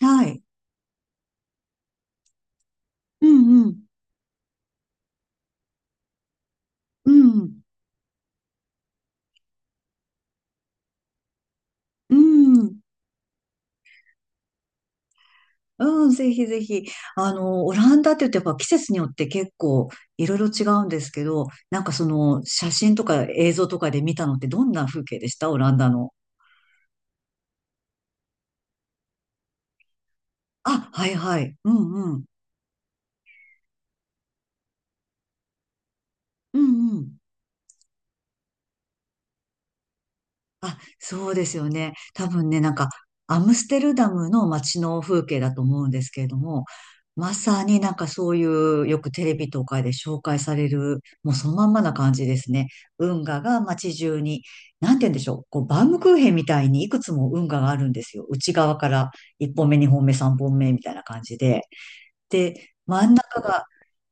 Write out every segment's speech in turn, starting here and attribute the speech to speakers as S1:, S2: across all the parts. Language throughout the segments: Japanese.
S1: はい。うんうん。うん。うん。うん、ぜひぜひ。オランダって言うとやっぱ季節によって結構いろいろ違うんですけど、なんかその写真とか映像とかで見たのってどんな風景でしたオランダの？あ、はいはい。うんうん。うんうん。あ、そうですよね。多分ね、なんか、アムステルダムの街の風景だと思うんですけれども、まさになんかそういう、よくテレビとかで紹介される、もうそのまんまな感じですね。運河が街中に、なんて言うんでしょう、こう、バウムクーヘンみたいにいくつも運河があるんですよ。内側から1本目、2本目、3本目みたいな感じで。で、真ん中が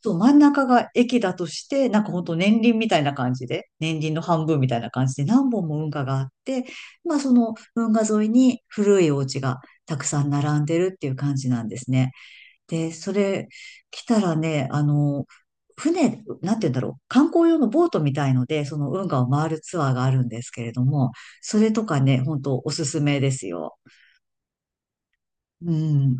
S1: そう、真ん中が駅だとして、なんかほんと年輪みたいな感じで、年輪の半分みたいな感じで何本も運河があって、まあその運河沿いに古いお家がたくさん並んでるっていう感じなんですね。で、それ来たらね、船、なんて言うんだろう、観光用のボートみたいので、その運河を回るツアーがあるんですけれども、それとかね、ほんとおすすめですよ。うん。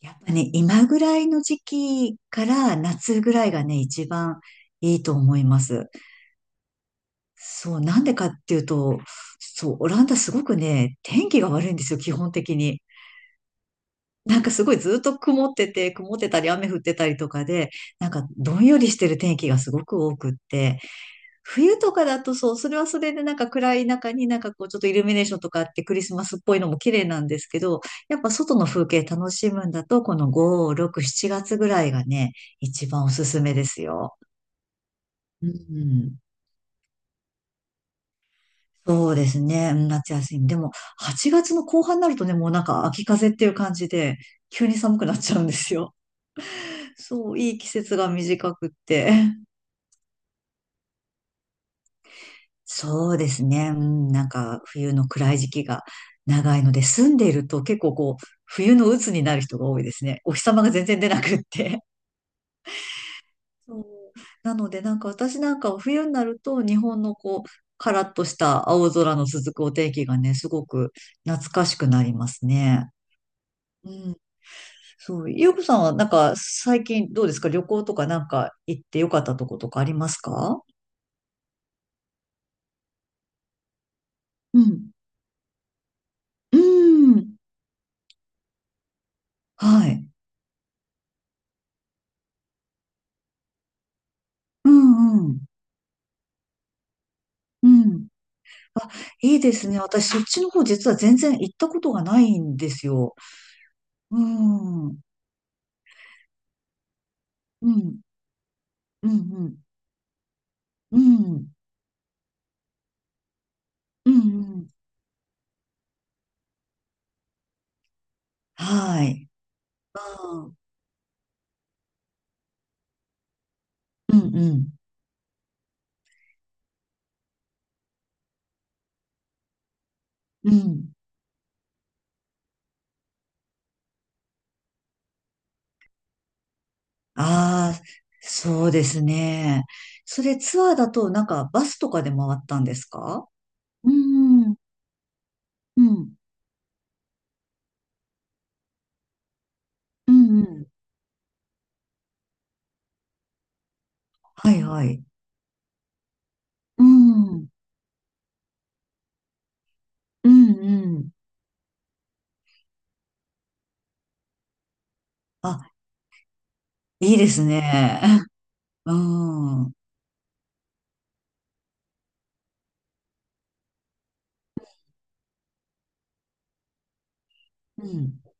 S1: やっぱね、今ぐらいの時期から夏ぐらいがね、一番いいと思います。そう、なんでかっていうと、そう、オランダすごくね、天気が悪いんですよ、基本的に。なんかすごいずっと曇ってて、曇ってたり雨降ってたりとかで、なんかどんよりしてる天気がすごく多くって、冬とかだとそう、それはそれでなんか暗い中になんかこうちょっとイルミネーションとかあってクリスマスっぽいのも綺麗なんですけど、やっぱ外の風景楽しむんだと、この5、6、7月ぐらいがね、一番おすすめですよ。うん。そうですね。うん夏休み。でも、8月の後半になるとね、もうなんか秋風っていう感じで、急に寒くなっちゃうんですよ。そう、いい季節が短くって。そうですね。うん、なんか冬の暗い時期が長いので、住んでいると結構こう、冬の鬱になる人が多いですね。お日様が全然出なくって。そうなのでなんか私なんかは冬になると日本のこう、カラッとした青空の続くお天気がね、すごく懐かしくなりますね。うん。そう。ゆうこさんはなんか最近どうですか？旅行とかなんか行ってよかったとことかありますか？うん。うん。はい。うんうん。うん。あ、いいですね。私、そっちの方実は全然行ったことがないんですよ。うん。うん。うん。うん。うん。うん。はい。うん。うん。うん。うん。ああ、そうですね。それツアーだと、なんかバスとかで回ったんですか？うん。うん。うん。うん。はいはい。うん。うん。うん。あ、いいですね。うん。うん。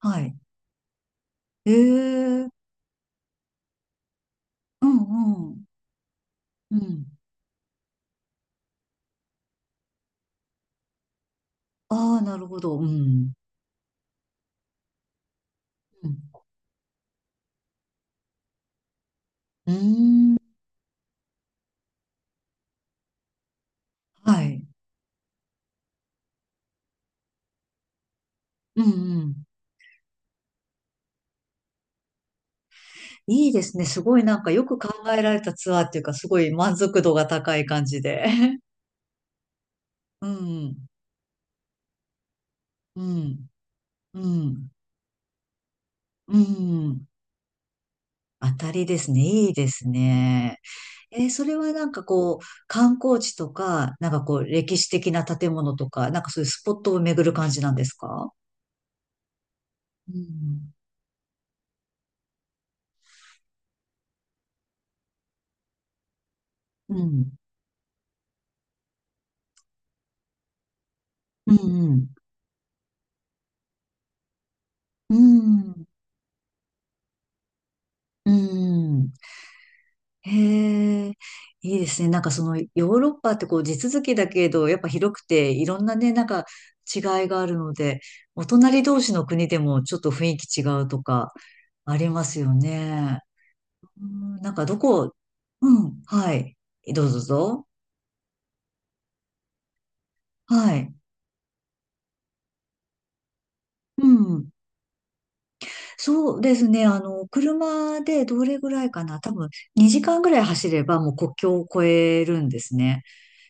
S1: はい。ええ。うんうん。うん。ああ、なるほど。うん。うん。うーん。はい。うんうん。いいですね。すごいなんかよく考えられたツアーっていうか、すごい満足度が高い感じで。うん。うん。うん。うん。当たりですね。いいですね。それはなんかこう、観光地とか、なんかこう、歴史的な建物とか、なんかそういうスポットを巡る感じなんですか？うん。うん。うん。うん。うん。うん。へえ、いいですね。なんかそのヨーロッパってこう地続きだけど、やっぱ広くていろんなね、なんか違いがあるので、お隣同士の国でもちょっと雰囲気違うとかありますよね。うん、なんかどこ、うん、はい。どうぞどうぞ。はい。うん。そうですね。車でどれぐらいかな。多分2時間ぐらい走ればもう国境を越えるんですね。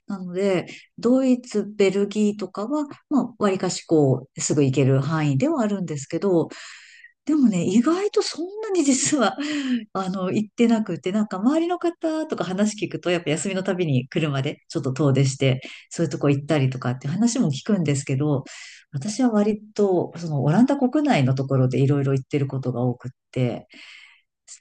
S1: なので、ドイツ、ベルギーとかは、まあ、割かしこう、すぐ行ける範囲ではあるんですけど、でもね、意外とそんなに実は、行ってなくて、なんか周りの方とか話聞くと、やっぱ休みのたびに車でちょっと遠出して、そういうとこ行ったりとかって話も聞くんですけど、私は割と、そのオランダ国内のところでいろいろ行ってることが多くって、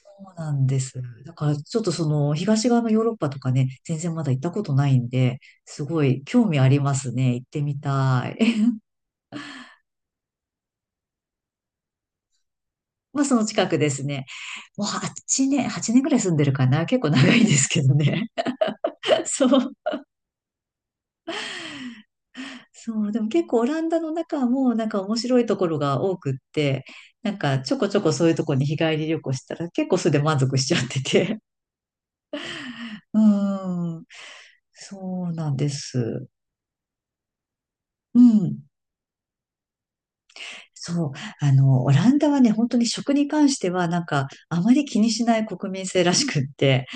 S1: そうなんです。だからちょっとその東側のヨーロッパとかね、全然まだ行ったことないんで、すごい興味ありますね。行ってみたい。まあその近くですね。もう8年、8年ぐらい住んでるかな。結構長いですけどね。そう。そう。でも結構オランダの中もなんか面白いところが多くって、なんかちょこちょこそういうところに日帰り旅行したら結構それで満足しちゃってて。うん。そうなんです。うん。そう。オランダはね、本当に食に関しては、なんか、あまり気にしない国民性らしくって、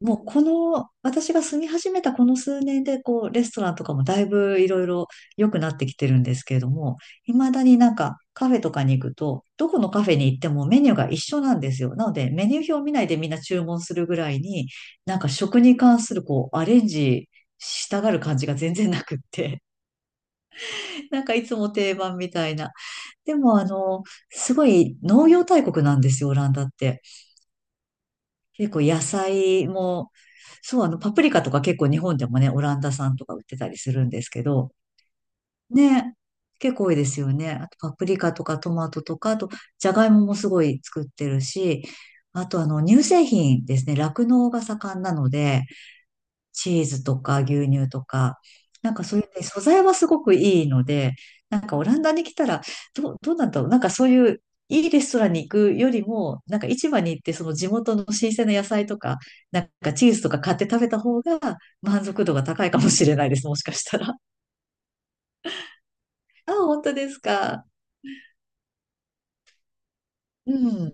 S1: もうこの、私が住み始めたこの数年で、こう、レストランとかもだいぶいろいろ良くなってきてるんですけれども、未だになんか、カフェとかに行くと、どこのカフェに行ってもメニューが一緒なんですよ。なので、メニュー表を見ないでみんな注文するぐらいに、なんか食に関する、こう、アレンジしたがる感じが全然なくって、なんかいつも定番みたいな。でも、すごい農業大国なんですよ、オランダって。結構野菜も、そう、パプリカとか結構日本でもね、オランダ産とか売ってたりするんですけど、ね、結構多いですよね。あと、パプリカとかトマトとか、あと、ジャガイモもすごい作ってるし、あと、乳製品ですね、酪農が盛んなので、チーズとか牛乳とか、なんかそういうね、素材はすごくいいので、なんかオランダに来たら、どうなんだろう、なんかそういういいレストランに行くよりも、なんか市場に行ってその地元の新鮮な野菜とか、なんかチーズとか買って食べた方が満足度が高いかもしれないです、もしかしたら。あ、本当ですか？うん、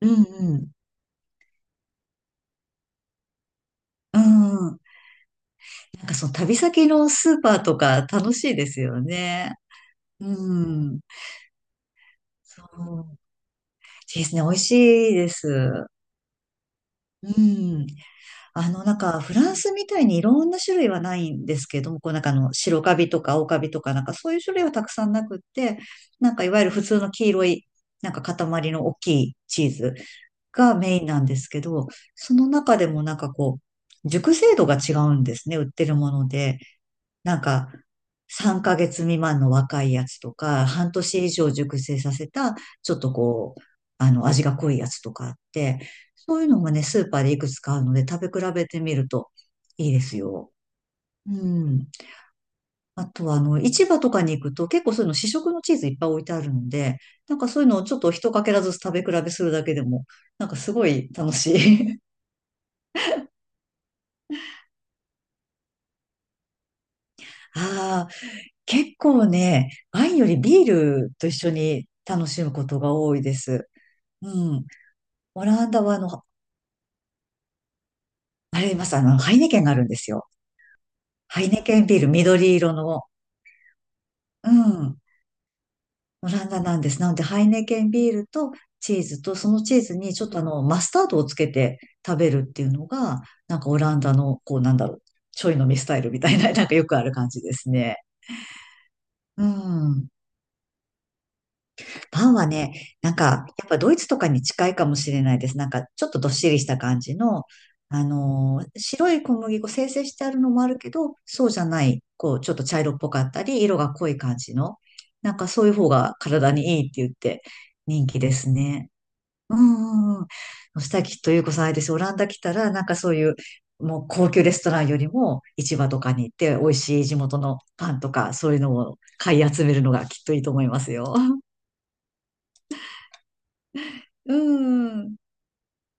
S1: うん、うん、うん。なんかその旅先のスーパーとか楽しいですよね。うん。そう、ですね。美味しいです。うん。なんか、フランスみたいにいろんな種類はないんですけれども、こうなんか白カビとか青カビとか、なんかそういう種類はたくさんなくって、なんかいわゆる普通の黄色い、なんか塊の大きいチーズがメインなんですけど、その中でもなんかこう、熟成度が違うんですね、売ってるもので。なんか、3ヶ月未満の若いやつとか、半年以上熟成させた、ちょっとこう、味が濃いやつとかあって、そういうのがね、スーパーでいくつかあるので、食べ比べてみるといいですよ。うん。あとは、市場とかに行くと結構そういうの試食のチーズいっぱい置いてあるので、なんかそういうのをちょっと一かけらずつ食べ比べするだけでも、なんかすごい楽しい。ああ、結構ね、ワインよりビールと一緒に楽しむことが多いです。うん。オランダはあれいます、ハイネケンがあるんですよ。ハイネケンビール、緑色の。うん。オランダなんです。なので、ハイネケンビールとチーズと、そのチーズにちょっとマスタードをつけて食べるっていうのが、なんかオランダの、こうなんだろう、ちょい飲みスタイルみたいな、なんかよくある感じですね。うん。パンはね、なんか、やっぱドイツとかに近いかもしれないです。なんか、ちょっとどっしりした感じの、白い小麦粉、精製してあるのもあるけど、そうじゃない、こう、ちょっと茶色っぽかったり、色が濃い感じの、なんかそういう方が体にいいって言って人気ですね。うんうんうん。さっきとゆうこさんあれですよ。オランダ来たら、なんかそういう、もう高級レストランよりも市場とかに行って美味しい地元のパンとかそういうのを買い集めるのがきっといいと思いますよ。うん。